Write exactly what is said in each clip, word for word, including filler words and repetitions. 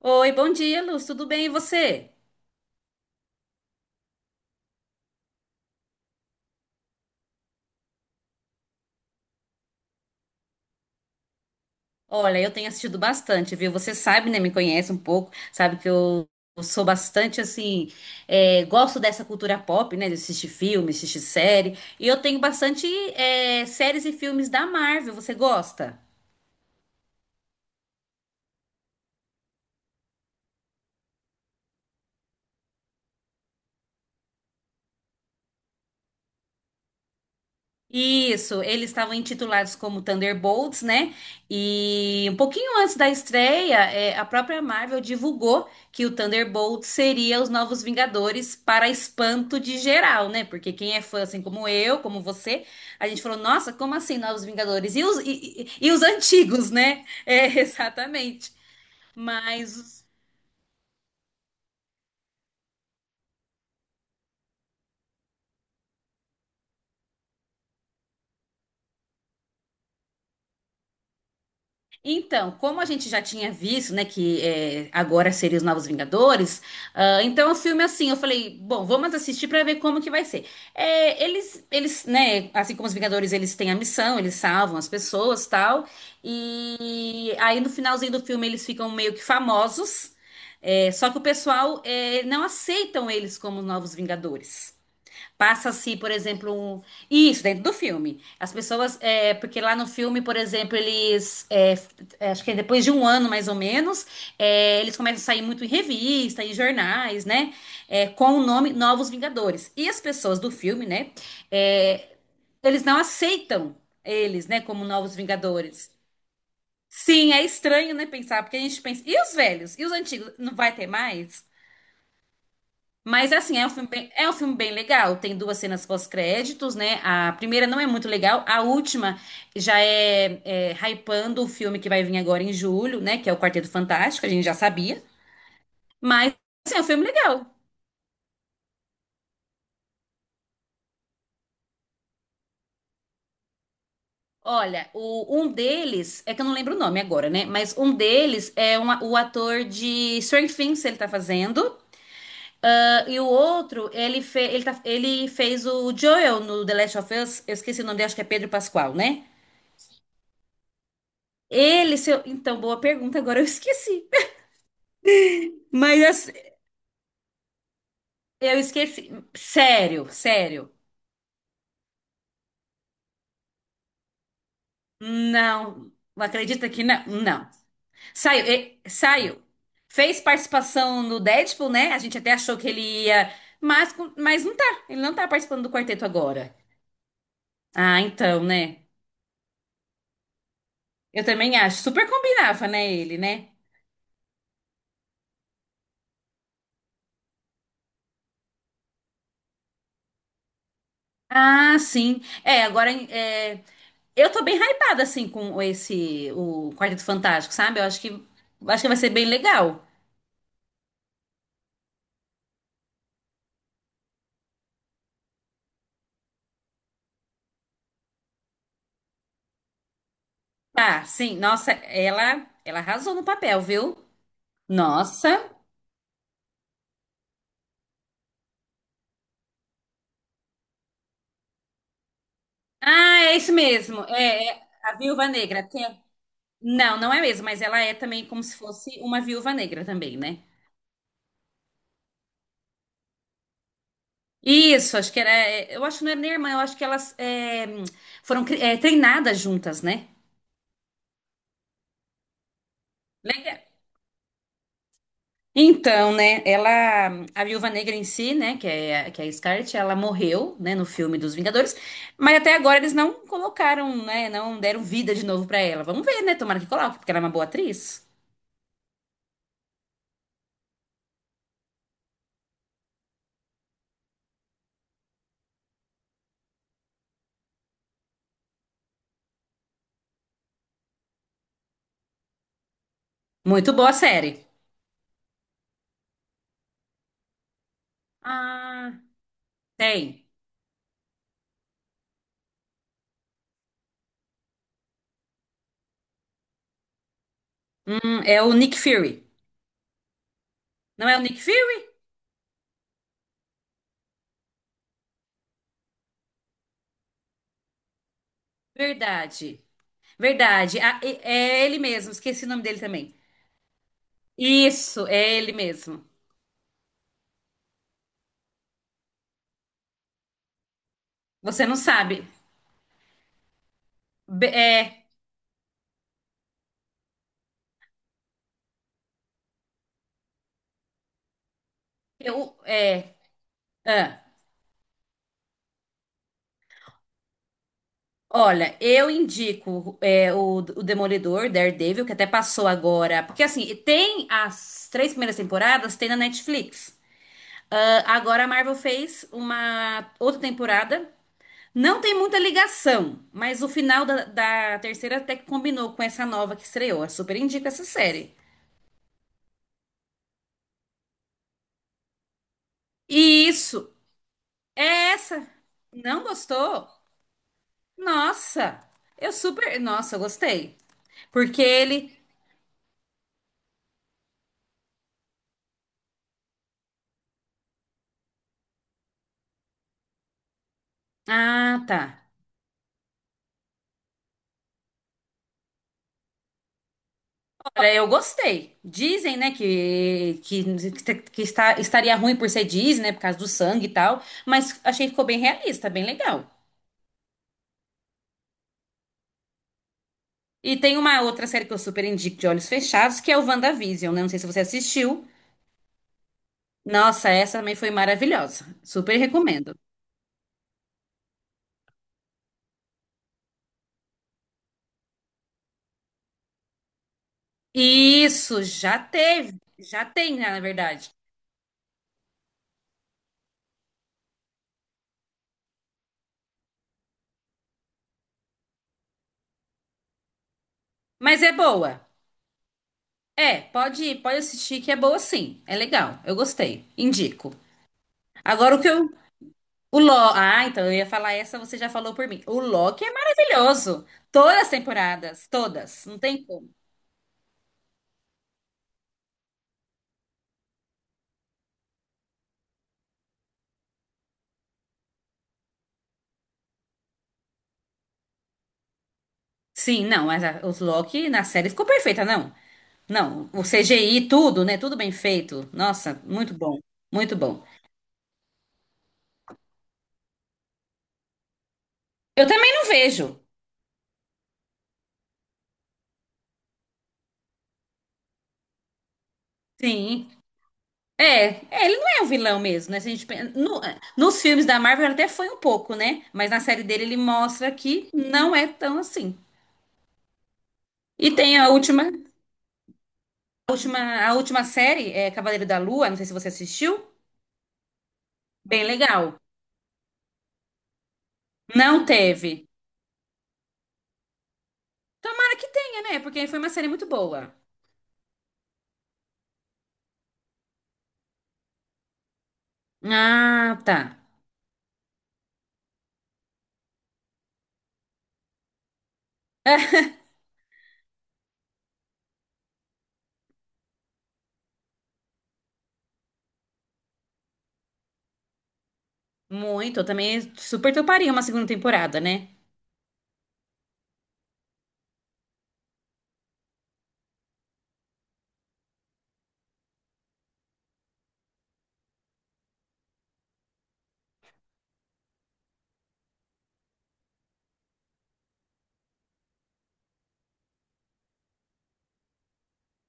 Oi, bom dia, Luz. Tudo bem e você? Olha, eu tenho assistido bastante, viu? Você sabe, né? Me conhece um pouco, sabe que eu eu sou bastante assim, é, gosto dessa cultura pop, né? De assistir filme, assistir série. E eu tenho bastante é, séries e filmes da Marvel. Você gosta? Isso, eles estavam intitulados como Thunderbolts, né? E um pouquinho antes da estreia, é, a própria Marvel divulgou que o Thunderbolts seria os novos Vingadores para espanto de geral, né? Porque quem é fã, assim como eu, como você, a gente falou, nossa, como assim novos Vingadores? E os, e, e- e os antigos, né? É, exatamente. Mas Então, como a gente já tinha visto, né, que é, agora seria os Novos Vingadores, ah, então o filme é assim, eu falei, bom, vamos assistir pra ver como que vai ser. É, eles, eles, né, assim como os Vingadores, eles têm a missão, eles salvam as pessoas, tal. E aí no finalzinho do filme eles ficam meio que famosos, é, só que o pessoal é, não aceitam eles como os Novos Vingadores. Passa-se, por exemplo, um isso dentro do filme. As pessoas, é, porque lá no filme, por exemplo, eles, é, f- é, acho que é depois de um ano mais ou menos, é, eles começam a sair muito em revista, em jornais, né? É, com o nome Novos Vingadores. E as pessoas do filme, né? é, eles não aceitam eles, né? Como Novos Vingadores. Sim, é estranho, né? Pensar, porque a gente pensa, e os velhos? E os antigos? Não vai ter mais? Mas assim, é um filme bem, é um filme bem legal. Tem duas cenas pós-créditos, né? A primeira não é muito legal, a última já é, é hypando o filme que vai vir agora em julho, né? Que é o Quarteto Fantástico, a gente já sabia. Mas assim, é um filme legal. Olha, o, um deles, é que eu não lembro o nome agora, né? Mas um deles é um a- o ator de Stranger Things, ele tá fazendo. Ah, e o outro, ele, fe, ele, tá- ele fez o Joel no The Last of Us. Eu esqueci o nome dele, acho que é Pedro Pascal, né? Ele, seu. Então, boa pergunta, agora eu esqueci. Mas assim, eu esqueci. Sério, sério. Não. Acredita que não? Não. Saiu, e- saiu. Fez participação no Deadpool, né? A gente até achou que ele ia. Mas, com- mas não tá. Ele não tá participando do quarteto agora. Ah, então, né? Eu também acho. Super combinava, né, ele, né? Ah, sim. É, agora é, eu tô bem hypada assim com esse o Quarteto Fantástico, sabe? Eu acho que acho que vai ser bem legal. Tá, sim. Nossa, ela ela arrasou no papel, viu? Nossa. Ah, é isso mesmo. É, é a Viúva Negra. Tem- não, não é mesmo, mas ela é também como se fosse uma Viúva Negra também, né? Isso, acho que era. é, Eu acho que não era nem irmã, eu acho que elas é, foram cri- é, treinadas juntas, né? Então, né, ela, a Viúva Negra em si, né, que é, a- que é a Scarlett, ela morreu, né, no filme dos Vingadores, mas até agora eles não colocaram, né, não deram vida de novo pra ela. Vamos ver, né, tomara que coloque, porque ela é uma boa atriz. Muito boa a série. Ah, tem. Hum, é o Nick Fury. Não é o Nick Fury? Verdade. Verdade. Ah, e- é ele mesmo, esqueci o nome dele também. Isso, é ele mesmo. Você não sabe. Be- é, eu, é, ah. Olha, eu indico é, o, o Demolidor, Daredevil, que até passou agora. Porque assim, tem as três primeiras temporadas, tem na Netflix. Ah, agora a Marvel fez uma outra temporada. Não tem muita ligação, mas o final da, da terceira até que combinou com essa nova que estreou. Eu super indico essa série. E isso, é essa. Não gostou? Nossa, eu super. Nossa, eu gostei. Porque ele. Ah, tá. Cara, eu gostei. Dizem, né, que, que, que está, estaria ruim por ser Disney, né, por causa do sangue e tal, mas achei que ficou bem realista, bem legal. E tem uma outra série que eu super indico de olhos fechados, que é o WandaVision, né? Não sei se você assistiu. Nossa, essa também foi maravilhosa. Super recomendo. Isso, já teve. Já tem, né, na verdade. Mas é boa. É, pode, pode assistir que é boa sim. É legal. Eu gostei. Indico. Agora o que eu O Loki. Ah, então eu ia falar essa, você já falou por mim. O Loki é maravilhoso. Todas as temporadas, todas. Não tem como. Sim, não, mas a, os Loki na série ficou perfeita, não. Não, o C G I, tudo, né? Tudo bem feito. Nossa, muito bom. Muito bom. Eu também não vejo. Sim. É, é, ele não é um vilão mesmo, né? Se a gente, pen- no- eh, nos filmes da Marvel ele até foi um pouco, né? Mas na série dele ele mostra que não é tão assim. E tem a última. A última, a última série é Cavaleiro da Lua, não sei se você assistiu. Bem legal. Não teve. Tomara que tenha, né? Porque foi uma série muito boa. Ah, tá. Muito, eu também super toparia uma segunda temporada, né?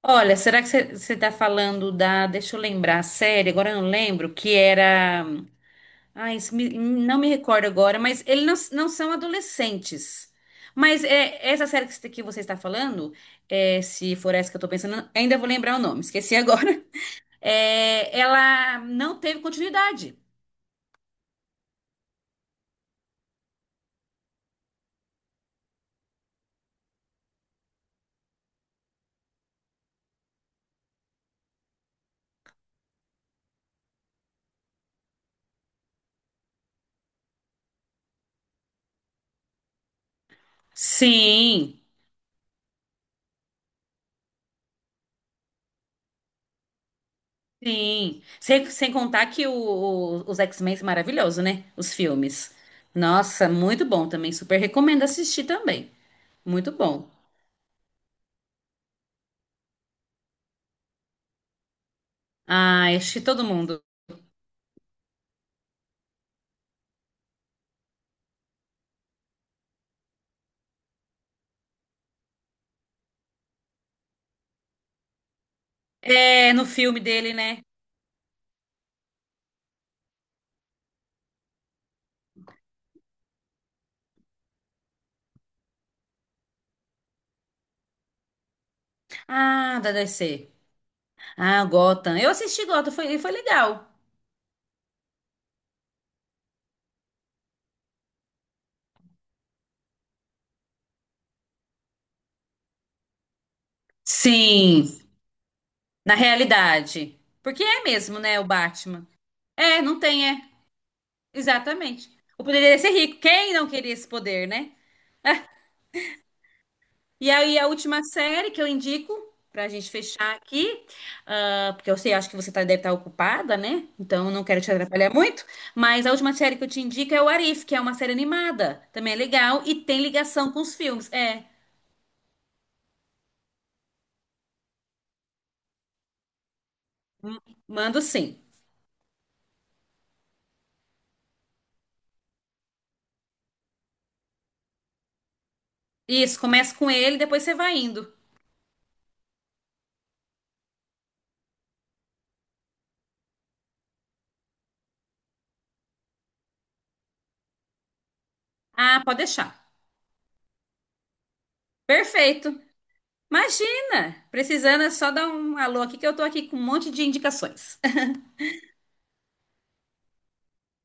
Olha, será que você tá falando da. Deixa eu lembrar a série, agora eu não lembro, que era. Ai, isso me- não me recordo agora, mas eles não, não são adolescentes. Mas é, essa série que você que você está falando, é, se for essa que eu tô pensando, ainda vou lembrar o nome, esqueci agora. é, ela não teve continuidade. Sim, sim. Sem, sem contar que o- o- os X-Men são maravilhosos, né? Os filmes. Nossa, muito bom também. Super recomendo assistir também. Muito bom. Ah, assisti todo mundo. É, no filme dele, né? Ah, da D C. Ah, Gotham. Eu assisti Gotham, foi, foi legal. Sim, na realidade. Porque é mesmo, né, o Batman. É, não tem, é. Exatamente. O poder dele é ser rico. Quem não queria esse poder, né? E aí, a última série que eu indico, pra gente fechar aqui, ah, porque eu sei, acho que você tá, deve estar ocupada, né? Então, eu não quero te atrapalhar muito. Mas a última série que eu te indico é o Arif, que é uma série animada. Também é legal e tem ligação com os filmes. É, mando sim. Isso, começa com ele, depois você vai indo. Ah, pode deixar. Perfeito. Imagina! Precisando é só dar um alô aqui, que eu tô aqui com um monte de indicações.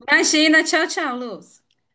Imagina, tchau, tchau, Luz.